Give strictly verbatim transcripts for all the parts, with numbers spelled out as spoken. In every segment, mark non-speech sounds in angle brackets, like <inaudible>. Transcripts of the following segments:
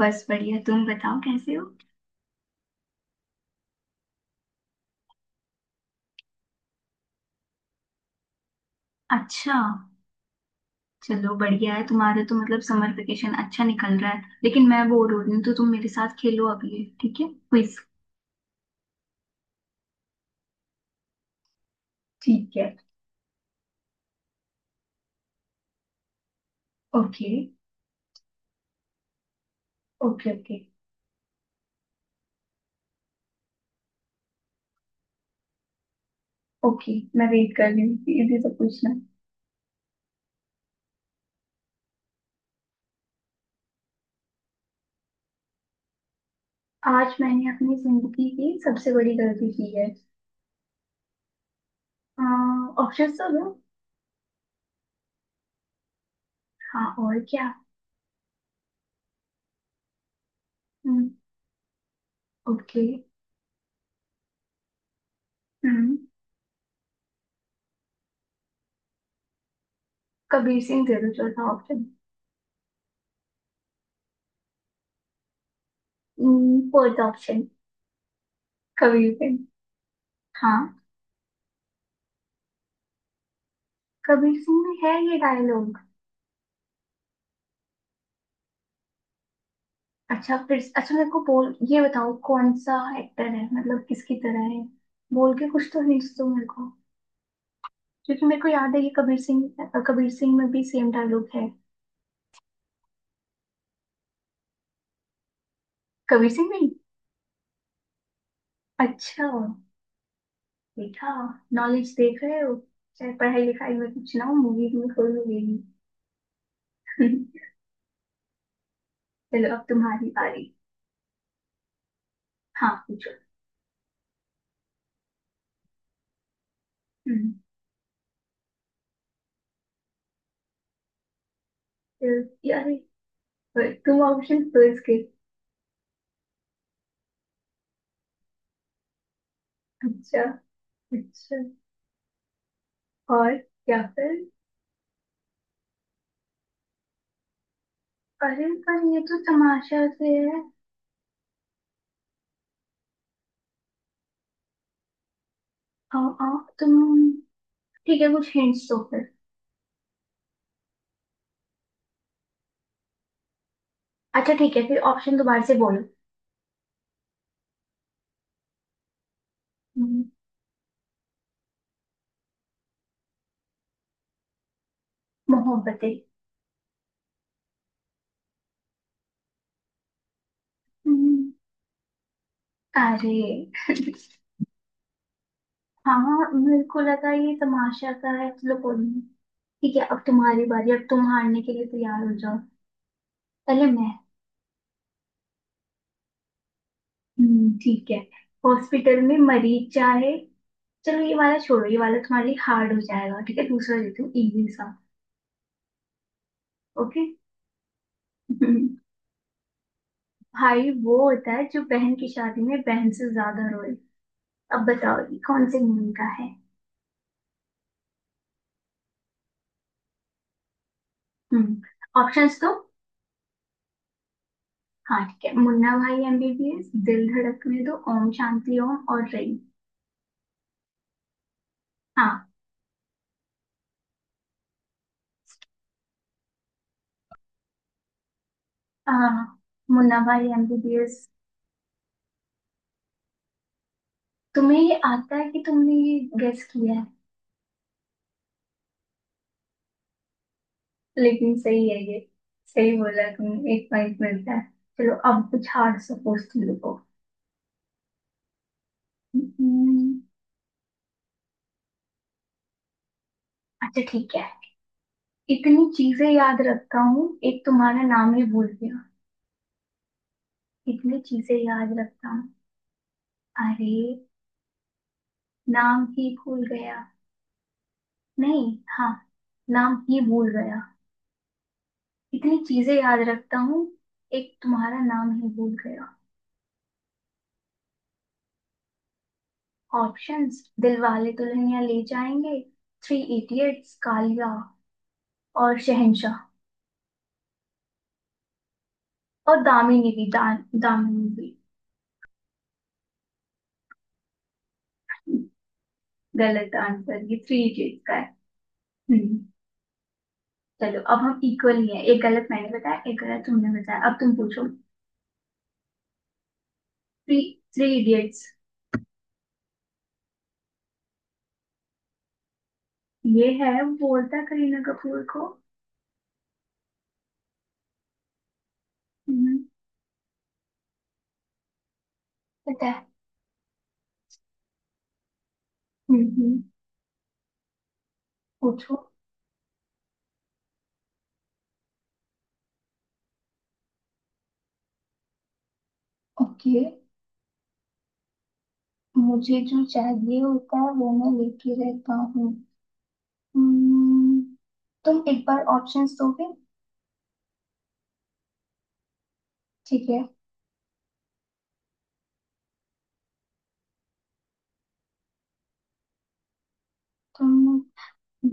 बस बढ़िया। तुम बताओ कैसे हो। अच्छा, चलो बढ़िया है, तुम्हारा तो मतलब समर वेकेशन अच्छा निकल रहा है, लेकिन मैं बोर हो रही हूँ तो तुम मेरे साथ खेलो अभी, ठीक है? क्विज। ठीक है। ओके। ओके। ओके। ओके। मैं वेट कर रही हूँ, ये भी तो पूछना। आज मैंने अपनी जिंदगी की सबसे बड़ी गलती की है। ऑप्शन तो दो। हाँ, और क्या। हम्म। ओके। हम्म। कबीर सिंह दे दो चौथा option. Fourth option Kabir Singh. हाँ। कबीर सिंह में है ये डायलॉग। अच्छा, फिर अच्छा, मेरे को बोल ये बताओ कौन सा एक्टर है, मतलब किसकी तरह है। बोल के कुछ तो हिंट्स दो मेरे को। क्योंकि मेरे को याद है, ये कबीर सिंह, कबीर सिंह में भी सेम डायलॉग है। कबीर सिंह में ही? अच्छा। देखा। नॉलेज देख रहे हो। चाहे पढ़ाई लिखाई में कुछ ना हो, मूवी में कोई मिलेगी। <laughs> चलो अब तुम्हारी बारी। हाँ पूछो। हम्म, तो यार तुम ऑप्शन दो इसके। अच्छा। अच्छा। और। या फिर। अरे पर ये तो तमाशा से है। आ, आ, तुम। ठीक है, कुछ हिंट्स दो फिर। अच्छा ठीक है, फिर ऑप्शन दोबारा से बोलो। हम्म, मोहब्बतें। हम्म, अरे। <laughs> हाँ मेरे को लगा ये तमाशा सा है, चलो कोई नहीं। ठीक है अब तुम्हारी बारी, अब तुम हारने के लिए तैयार हो जाओ। पहले मैं। हम्म, ठीक है। हॉस्पिटल में मरीज चाहे। चलो ये वाला छोड़ो, ये वाला तुम्हारे लिए हार्ड हो जाएगा, ठीक है दूसरा देती हूँ इजी सा। ओके। <laughs> भाई वो होता है जो बहन की शादी में बहन से ज्यादा रोए। अब बताओ ये कौन से मूवी का है। हम्म ऑप्शंस तो। हाँ ठीक है, मुन्ना भाई एम बी बी एस, दिल धड़कने दो, ओम शांति ओम और रई। हाँ। अ, मुन्ना भाई एम बी बी एस। तुम्हें ये आता है कि तुमने ये गेस किया है? लेकिन सही है ये। सही बोला तुमने, एक पॉइंट मिलता है। चलो अब कुछ हार्ड सा पूछती हूँ, रुको। हम्म, अच्छा ठीक है। इतनी चीजें याद रखता हूँ, एक तुम्हारा नाम ही भूल गया। इतनी चीजें याद रखता हूँ। अरे। नाम ही भूल गया। नहीं, हाँ। नाम ही भूल गया। इतनी चीजें याद रखता हूँ। एक तुम्हारा नाम ही भूल गया। Options: Dilwale Dulhania Le Jayenge, Three Idiots, Kaliya और शहंशाह। और दामिनी भी, दान दामिनी भी। गलत आंसर, ये थ्री इडियट्स का है। हम्म, चलो अब हम इक्वल ही है, एक गलत मैंने बताया, एक गलत तुमने बताया, अब तुम पूछो। थ्री। Three Idiots. ये है, बोलता करीना कपूर को। हम्म। पता है। हम्म। पूछो। ओके। मुझे जो चाहिए होता है वो मैं लेके रहता हूँ। हम्म, तुम एक बार ऑप्शंस दोगे? ठीक है। तुम।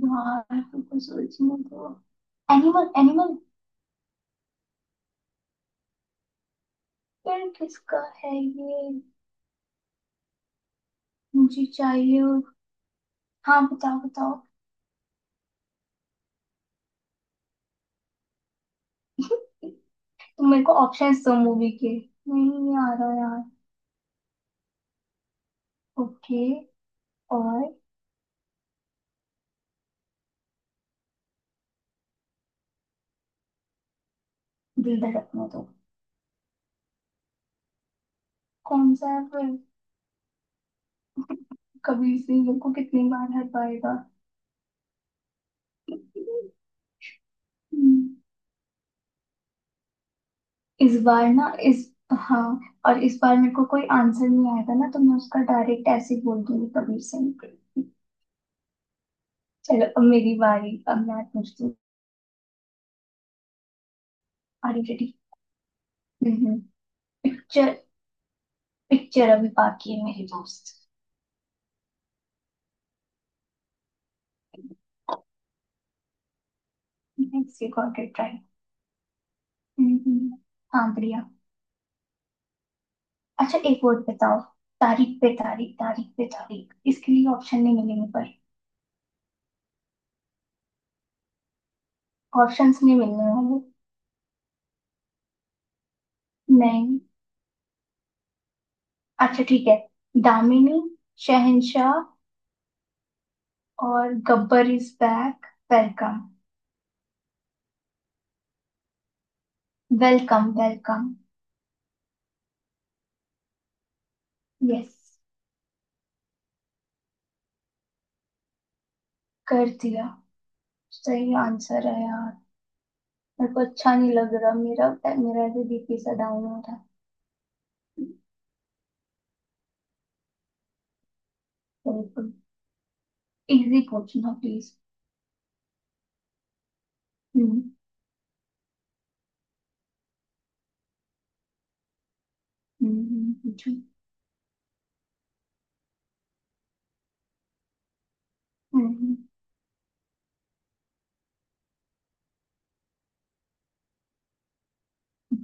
यार तुमको सोचने दो। Animal, Animal. फिर किसका है ये? मुझे चाहिए हो- हाँ बताओ बताओ। <laughs> तुम मेरे को ऑप्शंस दो, मूवी के नहीं आ रहा यार। ओके। और। दिल धड़कने दो। कौन सा है फिर? कबीर सिंह को कितनी बार हर पाएगा? हम्म, इस बार ना, इस। हाँ। और इस बार मेरे को कोई आंसर नहीं आया था ना, तो मैं उसका डायरेक्ट ऐसे ही बोल दूंगी कबीर सिंह को। चलो अब मेरी बारी, अब मैं पूछती हूँ। Are you ready? Picture. Picture अभी बाकी है मेरे दोस्त। Let's see, got it right. हाँ बढ़िया। अच्छा, एक वर्ड बताओ। तारीख पे तारीख, तारीख पे तारीख, इसके लिए ऑप्शन नहीं मिलेंगे पर। ऑप्शंस नहीं मिलने वाले। नहीं। अच्छा ठीक है। दामिनी। शहंशाह। और Gabbar is back. Welcome. Welcome welcome. Yes. कर दिया। सही आंसर है यार। मेरे को अच्छा नहीं लग रहा, मेरा। मेरा जो बी पी सा डाउन हो रहा है। बिल्कुल। इजी पूछना प्लीज। हम्म। हम्म हम्म, पूछो। हम्म, हम्म।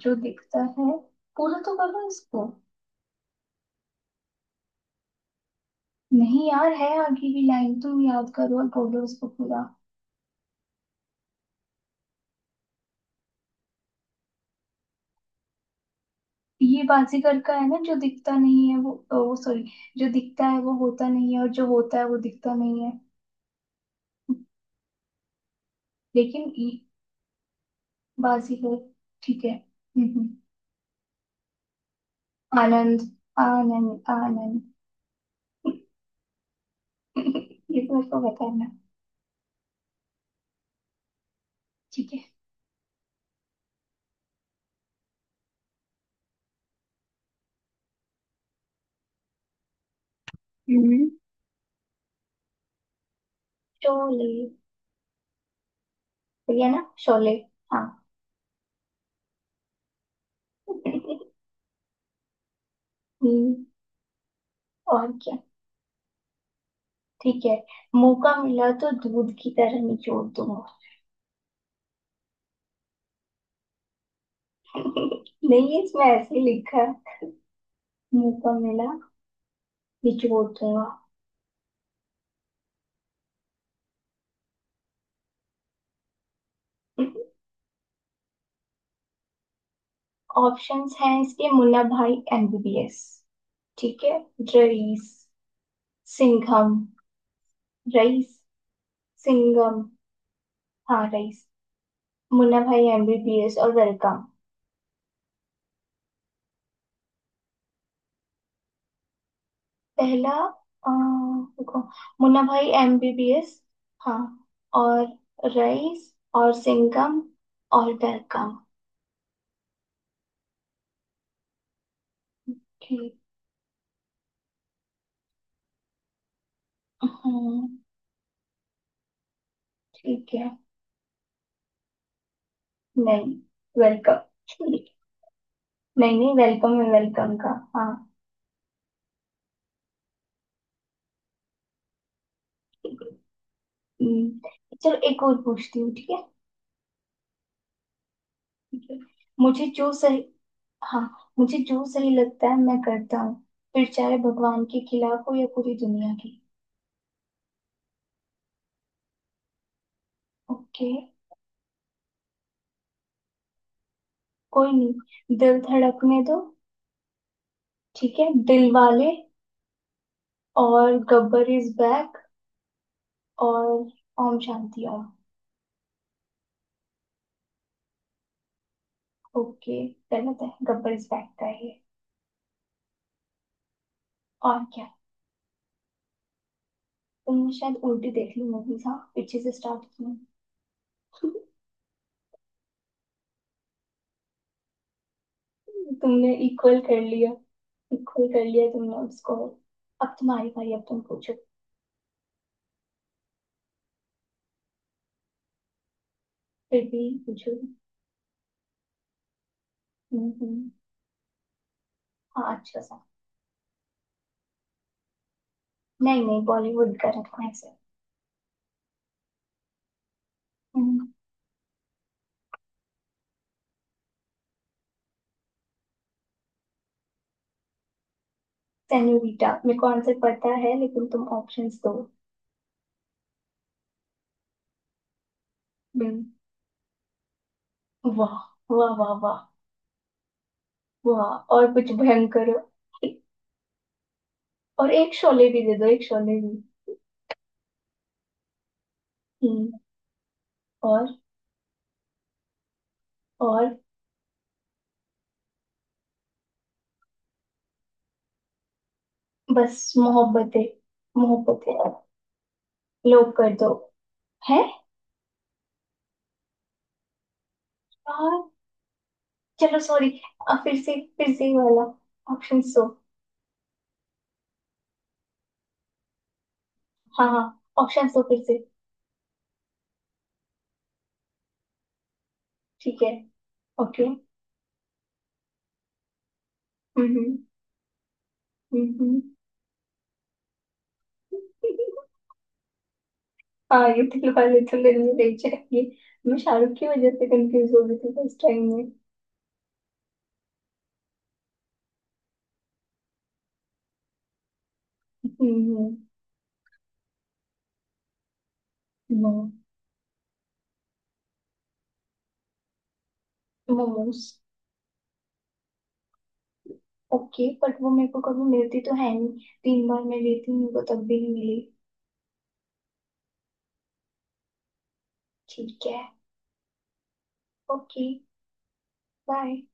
जो दिखता है। पूरा तो करो इसको। नहीं यार, है आगे भी लाइन, तुम याद करो और बोलो उसको पूरा। ये बाजीगर का है ना, जो दिखता नहीं है वो अ, वो सॉरी। जो दिखता है वो होता नहीं है, और जो होता है वो दिखता नहीं है। लेकिन ये। बाजीगर। ठीक है। हम्म, हम्म। आनंद। आनंद आनंद। <laughs> ये तो मेरे को बताना। ठीक है। हम्म। शोले। सही है ना, शोले? हाँ। <laughs> हम्म, और क्या। ठीक है। मौका मिला तो दूध की तरह निचोड़ दूंगा। <laughs> नहीं, इसमें ऐसे ही लिखा है। मौका मिला। निचोड़ दूंगा। <laughs> ऑप्शंस हैं इसके: मुल्ला भाई एम बी बी एस। ठीक है। रईस। सिंघम। रईस। सिंघम। हाँ रईस, मुन्ना भाई एम बी बी एस और वेलकम। पहला। अ, रुको। मुन्ना भाई एम बी बी एस। हाँ और रईस और सिंघम और वेलकम। ठीक। हम्म, ठीक है। नहीं। वेलकम। नहीं नहीं, वेलकम है वेलकम का। हाँ। ठीक है। हम्म, चलो एक और पूछती हूँ, ठीक है? मुझे जो सही। हाँ, मुझे जो सही लगता है मैं करता हूँ, फिर चाहे भगवान के खिलाफ हो या पूरी दुनिया की। ओके। कोई नहीं, दिल धड़कने दो। ठीक है, दिल वाले, और गब्बर इज बैक, और ओम शांति ओम। ओके। गलत है, गब्बर इज बैक का है ये। और क्या। तुमने शायद उल्टी देख ली मूवीज, हाँ पीछे से स्टार्ट की। <laughs> तुमने इक्वल कर लिया। इक्वल कर लिया तुमने उसको। अब तुम्हारी बारी, अब तुम पूछो। फिर भी पूछो। हम्म, हाँ अच्छा सा। नहीं नहीं, बॉलीवुड का रखना है सर। सेन्योरिटा मेरे को आंसर पता है, लेकिन तुम ऑप्शंस दो। हम्म, वाह, वाह वाह वाह। वाह, और कुछ भयंकर। और एक शोले भी दे दो, एक शोले भी। हम्म, और। और। बस, मोहब्बतें। मोहब्बतें। लो कर दो। है। यार, चलो सॉरी। फिर से, फिर से ये वाला। ऑप्शन दो। हाँ हाँ। ऑप्शन दो फिर से। ठीक है। ओके। हम्म। हम्म हम्म। हाँ ये दिल वाले दुल्हनिया ले जाएंगे। मैं शाहरुख की वजह से कंफ्यूज हो गई थी फर्स्ट टाइम में। हम्म। मोमोज। ओके, बट वो मेरे को कभी मिलती तो है नहीं। तीन बार मैं गई थी, मेरे को तब भी नहीं मिली। ठीक है। ओके। बाय।